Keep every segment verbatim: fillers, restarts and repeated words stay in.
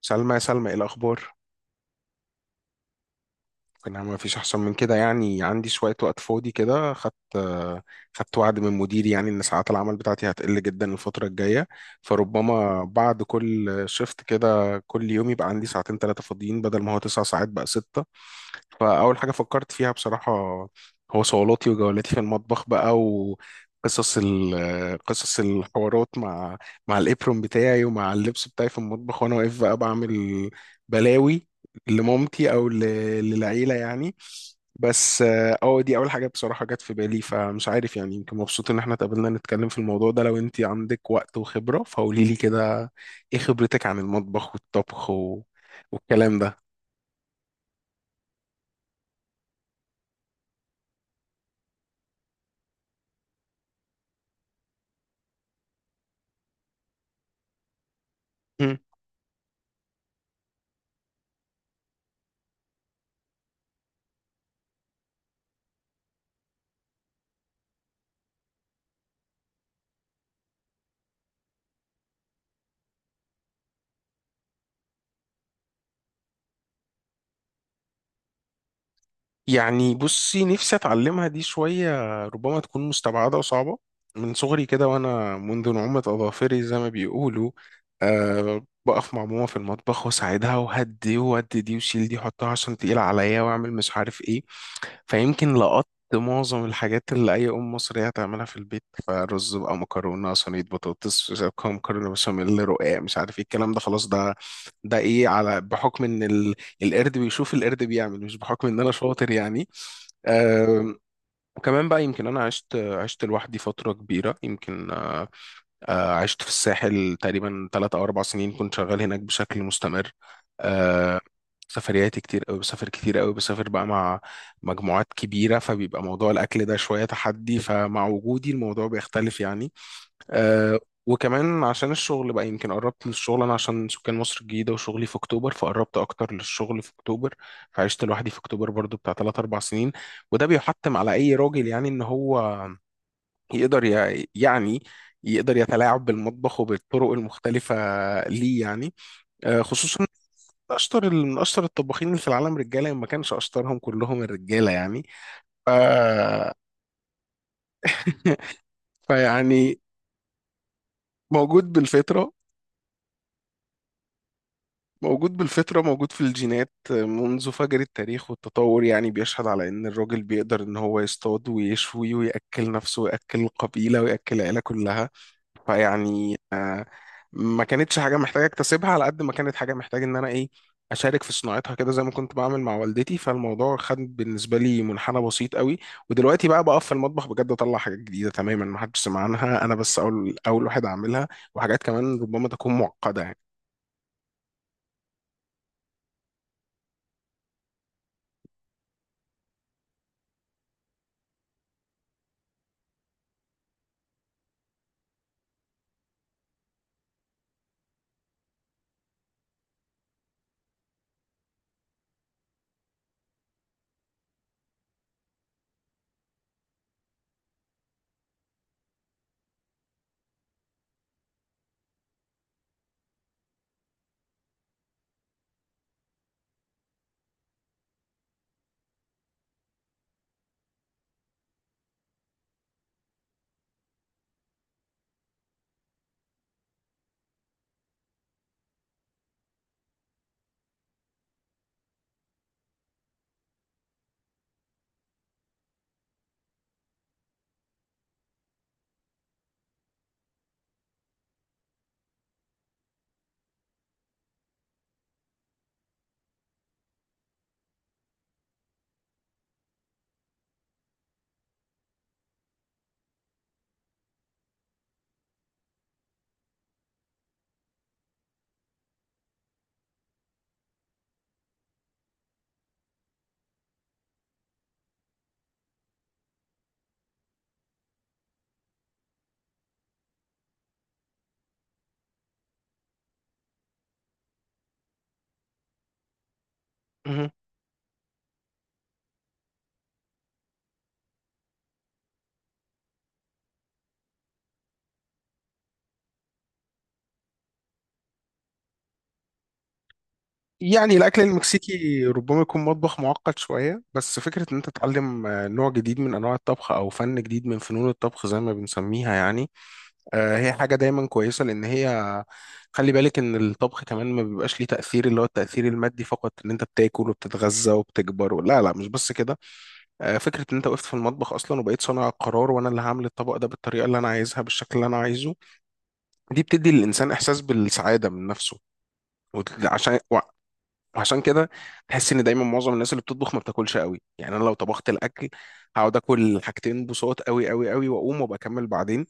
سلمى، يا سلمى، ايه الاخبار؟ انا ما فيش احسن من كده. يعني عندي شويه وقت فاضي كده، خدت آه، خدت وعد من مديري يعني ان ساعات العمل بتاعتي هتقل جدا الفتره الجايه. فربما بعد كل شيفت كده كل يوم يبقى عندي ساعتين ثلاثه فاضيين بدل ما هو تسع ساعات بقى سته. فأول حاجة فكرت فيها بصراحة هو صولاتي وجولاتي في المطبخ بقى، وقصص ال- قصص الحوارات مع مع الإبرون بتاعي ومع اللبس بتاعي في المطبخ وأنا واقف بقى بعمل بلاوي لمامتي أو ل- للعيلة يعني. بس اه آه، دي أول حاجة بصراحة جت في بالي. فمش عارف يعني، يمكن مبسوط إن احنا اتقابلنا نتكلم في الموضوع ده. لو أنت عندك وقت وخبرة فقولي لي كده، إيه خبرتك عن المطبخ والطبخ و... والكلام ده؟ يعني بصي، نفسي اتعلمها دي شوية. ربما تكون مستبعدة وصعبة. من صغري كده وانا منذ نعومة اظافري زي ما بيقولوا، أه بقف مع ماما في المطبخ واساعدها وهدي وودي دي وشيل دي حطها عشان تقيلة عليا واعمل مش عارف ايه. فيمكن لقطت معظم الحاجات اللي أي أم مصرية هتعملها في البيت، فرز بقى، مكرونة صينية، بطاطس، مش عارف كم- مكرونة بشاميل، رقاق، مش عارف ايه الكلام ده. خلاص ده ده ايه على بحكم ان ال... القرد بيشوف القرد بيعمل، مش بحكم ان انا شاطر يعني. وكمان بقى يمكن انا عشت عشت لوحدي فتره كبيره يمكن. آه، آه، عشت في الساحل تقريبا ثلاث او اربع سنين كنت شغال هناك بشكل مستمر. آه، سفرياتي كتير قوي، بسافر كتير قوي، بسافر بقى مع مجموعات كبيره، فبيبقى موضوع الاكل ده شويه تحدي، فمع وجودي الموضوع بيختلف يعني. أه وكمان عشان الشغل بقى، يمكن قربت من الشغل انا عشان سكان مصر الجديده وشغلي في اكتوبر، فقربت اكتر للشغل في اكتوبر. فعشت لوحدي في اكتوبر برضو بتاع تلاته اربعه سنين. وده بيحتم على اي راجل يعني ان هو يقدر ي- يعني يقدر يتلاعب بالمطبخ وبالطرق المختلفه. ليه يعني؟ أه خصوصا اشطر من اشطر الطباخين اللي في العالم رجاله، إن ما كانش اشطرهم كلهم الرجاله يعني. فيعني موجود بالفطره، موجود بالفطرة، موجود في الجينات. منذ فجر التاريخ والتطور يعني بيشهد على إن الراجل بيقدر إن هو يصطاد ويشوي ويأكل نفسه ويأكل القبيلة ويأكل العيلة كلها. فيعني آه، ما كانتش حاجة محتاجة اكتسبها، على قد ما كانت حاجة محتاجة إن أنا إيه، أشارك في صناعتها كده زي ما كنت بعمل مع والدتي. فالموضوع خد بالنسبة لي منحنى بسيط قوي. ودلوقتي بقى بقف في المطبخ بجد، أطلع حاجات جديدة تماما ما حدش سمع عنها، أنا بس أول أول واحد أعملها. وحاجات كمان ربما تكون معقدة يعني. يعني الأكل المكسيكي ربما يكون مطبخ معقد شوية، بس فكرة إن أنت تتعلم آه، نوع جديد من أنواع الطبخ أو فن جديد من فنون الطبخ زي ما بنسميها يعني، آه، هي حاجة دايما كويسة، لأن هي خلي بالك إن الطبخ كمان ما بيبقاش ليه تأثير اللي هو التأثير المادي فقط، إن أنت بتاكل وبتتغذى وبتكبر و... لا لا، مش بس كده. آه، فكرة إن أنت وقفت في المطبخ أصلا وبقيت صانع القرار، وأنا اللي هعمل الطبق ده بالطريقة اللي أنا عايزها بالشكل اللي أنا عايزه، دي بتدي للإنسان إحساس بالسعادة من نفسه. وت- عشان عشان كده تحس ان دايما معظم الناس اللي بتطبخ ما بتاكلش قوي. يعني انا لو طبخت الاكل هقعد اكل حاجتين بصوت قوي قوي قوي واقوم وبكمل بعدين،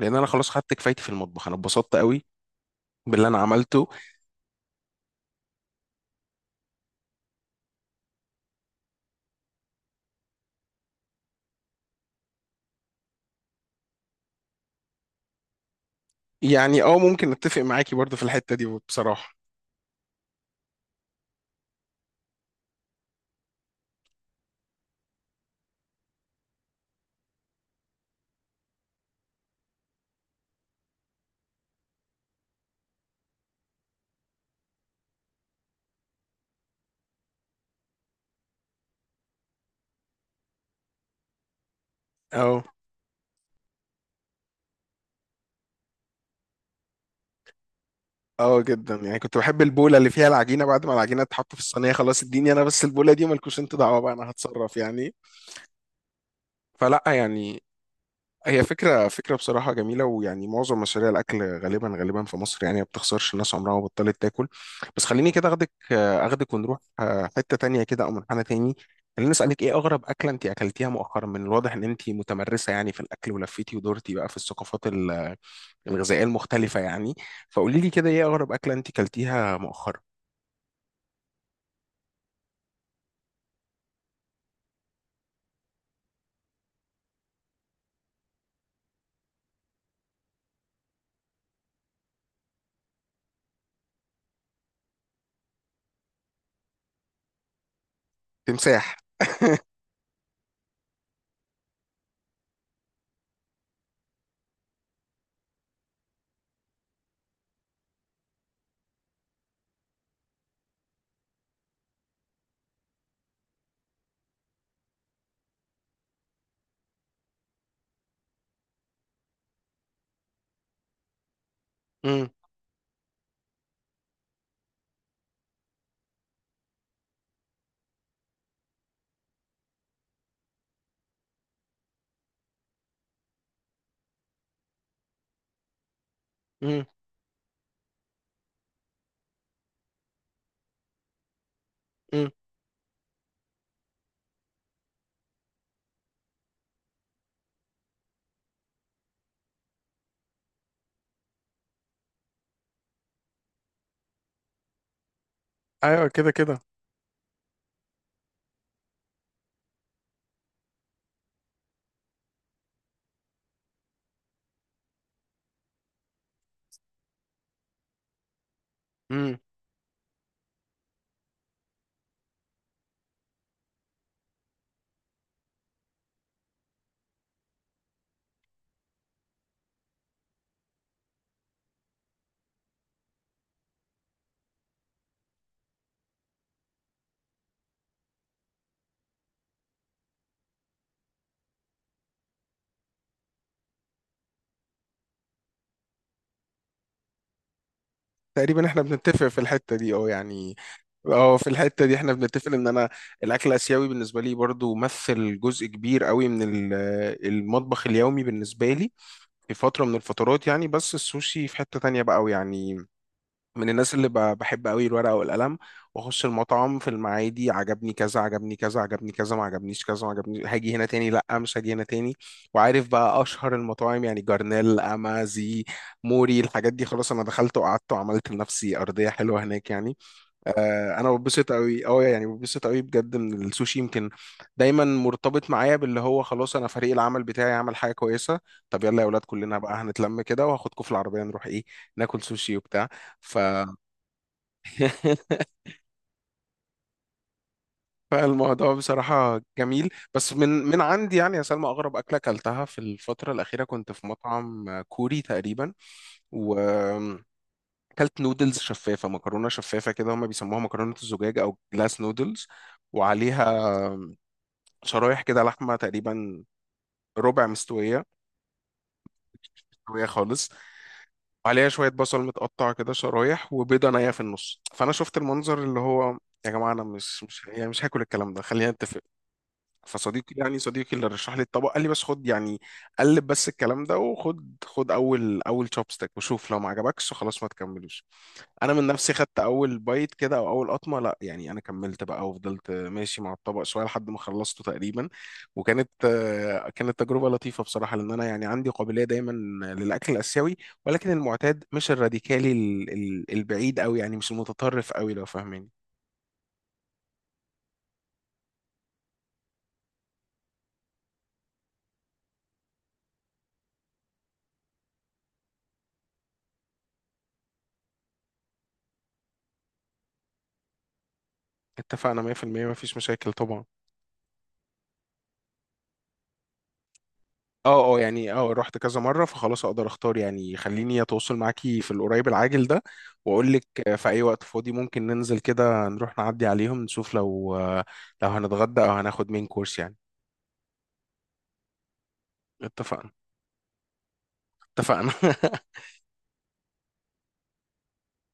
لان انا خلاص خدت كفايتي في المطبخ، انا اتبسطت قوي باللي انا عملته. يعني اه، ممكن اتفق معاكي برضو في الحتة دي بصراحة. اه اه، جدا يعني كنت بحب البوله اللي فيها العجينه بعد ما العجينه تتحط في الصينيه. خلاص اديني انا بس البوله دي، ومالكوش انتوا دعوه بقى، انا هتصرف يعني. فلا يعني، هي فكرة فكرة بصراحة جميلة. ويعني معظم مشاريع الأكل غالبا غالبا في مصر يعني ما بتخسرش، الناس عمرها ما بطلت تاكل. بس خليني كده أخدك أخدك ونروح آه، حتة تانية كده أو منحنى تاني. خليني أسألك، إيه أغرب أكلة أنت أكلتيها مؤخرا؟ من الواضح إن أنت متمرسة يعني في الأكل، ولفيتي ودورتي بقى في الثقافات ال- الغذائية المختلفة يعني. فقولي لي كده، إيه أغرب أكلة أنت أكلتيها مؤخرا؟ تمساح؟ امم. امم. امم. أيوه، كده كده. تقريبا احنا بنتفق في الحتة دي، اه يعني. اه، في الحتة دي احنا بنتفق، ان انا الاكل الاسيوي بالنسبة لي برضو مثل جزء كبير قوي من ال- المطبخ اليومي بالنسبة لي في فترة من الفترات يعني. بس السوشي في حتة تانية بقى يعني. من الناس اللي ب- بحب قوي الورقه والقلم، واخش المطعم في المعادي، عجبني كذا، عجبني كذا، عجبني كذا، ما عجبنيش كذا، ما عجبنيش هاجي هنا تاني، لا مش هاجي هنا تاني. وعارف بقى اشهر المطاعم يعني، جرنيل، اما زي موري، الحاجات دي خلاص، انا دخلت وقعدت وعملت لنفسي ارضيه حلوه هناك يعني. آه انا ببسط قوي، اه يعني، ببسط قوي بجد من السوشي يمكن. دايما مرتبط معايا باللي هو خلاص انا فريق العمل بتاعي عمل حاجه كويسه، طب يلا يا اولاد كلنا بقى هنتلم كده وهاخدكم في العربيه نروح ايه، ناكل سوشي وبتاع. ف فالموضوع بصراحة جميل. بس من من عندي يعني يا سلمى، أغرب أكلة أكلتها في الفترة الأخيرة كنت في مطعم كوري تقريبا، و أكلت نودلز شفافة، مكرونة شفافة كده، هما بيسموها مكرونة الزجاج أو جلاس نودلز، وعليها شرايح كده لحمة تقريبا ربع مستوية، مستوية خالص، وعليها شوية بصل متقطع كده شرايح، وبيضة نية في النص. فأنا شفت المنظر اللي هو، يا جماعة أنا مش مش يعني مش هاكل الكلام ده، خلينا نتفق. فصديقي يعني صديقي اللي رشح لي الطبق قال لي بس خد يعني، قلب بس الكلام ده، وخد خد اول اول تشوبستيك وشوف، لو ما عجبكش خلاص ما تكملوش. انا من نفسي خدت اول بايت كده او اول قطمه، لا يعني انا كملت بقى وفضلت ماشي مع الطبق شويه لحد ما خلصته تقريبا. وكانت آه، كانت تجربه لطيفه بصراحه، لان انا يعني عندي قابليه دايما للاكل الاسيوي، ولكن المعتاد مش الراديكالي ال- ال- البعيد قوي يعني، مش المتطرف قوي لو فاهماني. اتفقنا مية في المية مفيش مشاكل طبعا. اه اه يعني، اه رحت كذا مرة فخلاص اقدر اختار يعني. خليني اتواصل معاكي في القريب العاجل ده، واقول لك في اي وقت فاضي ممكن ننزل كده، نروح نعدي عليهم، نشوف لو لو هنتغدى او هناخد مين كورس يعني. اتفقنا. اتفقنا.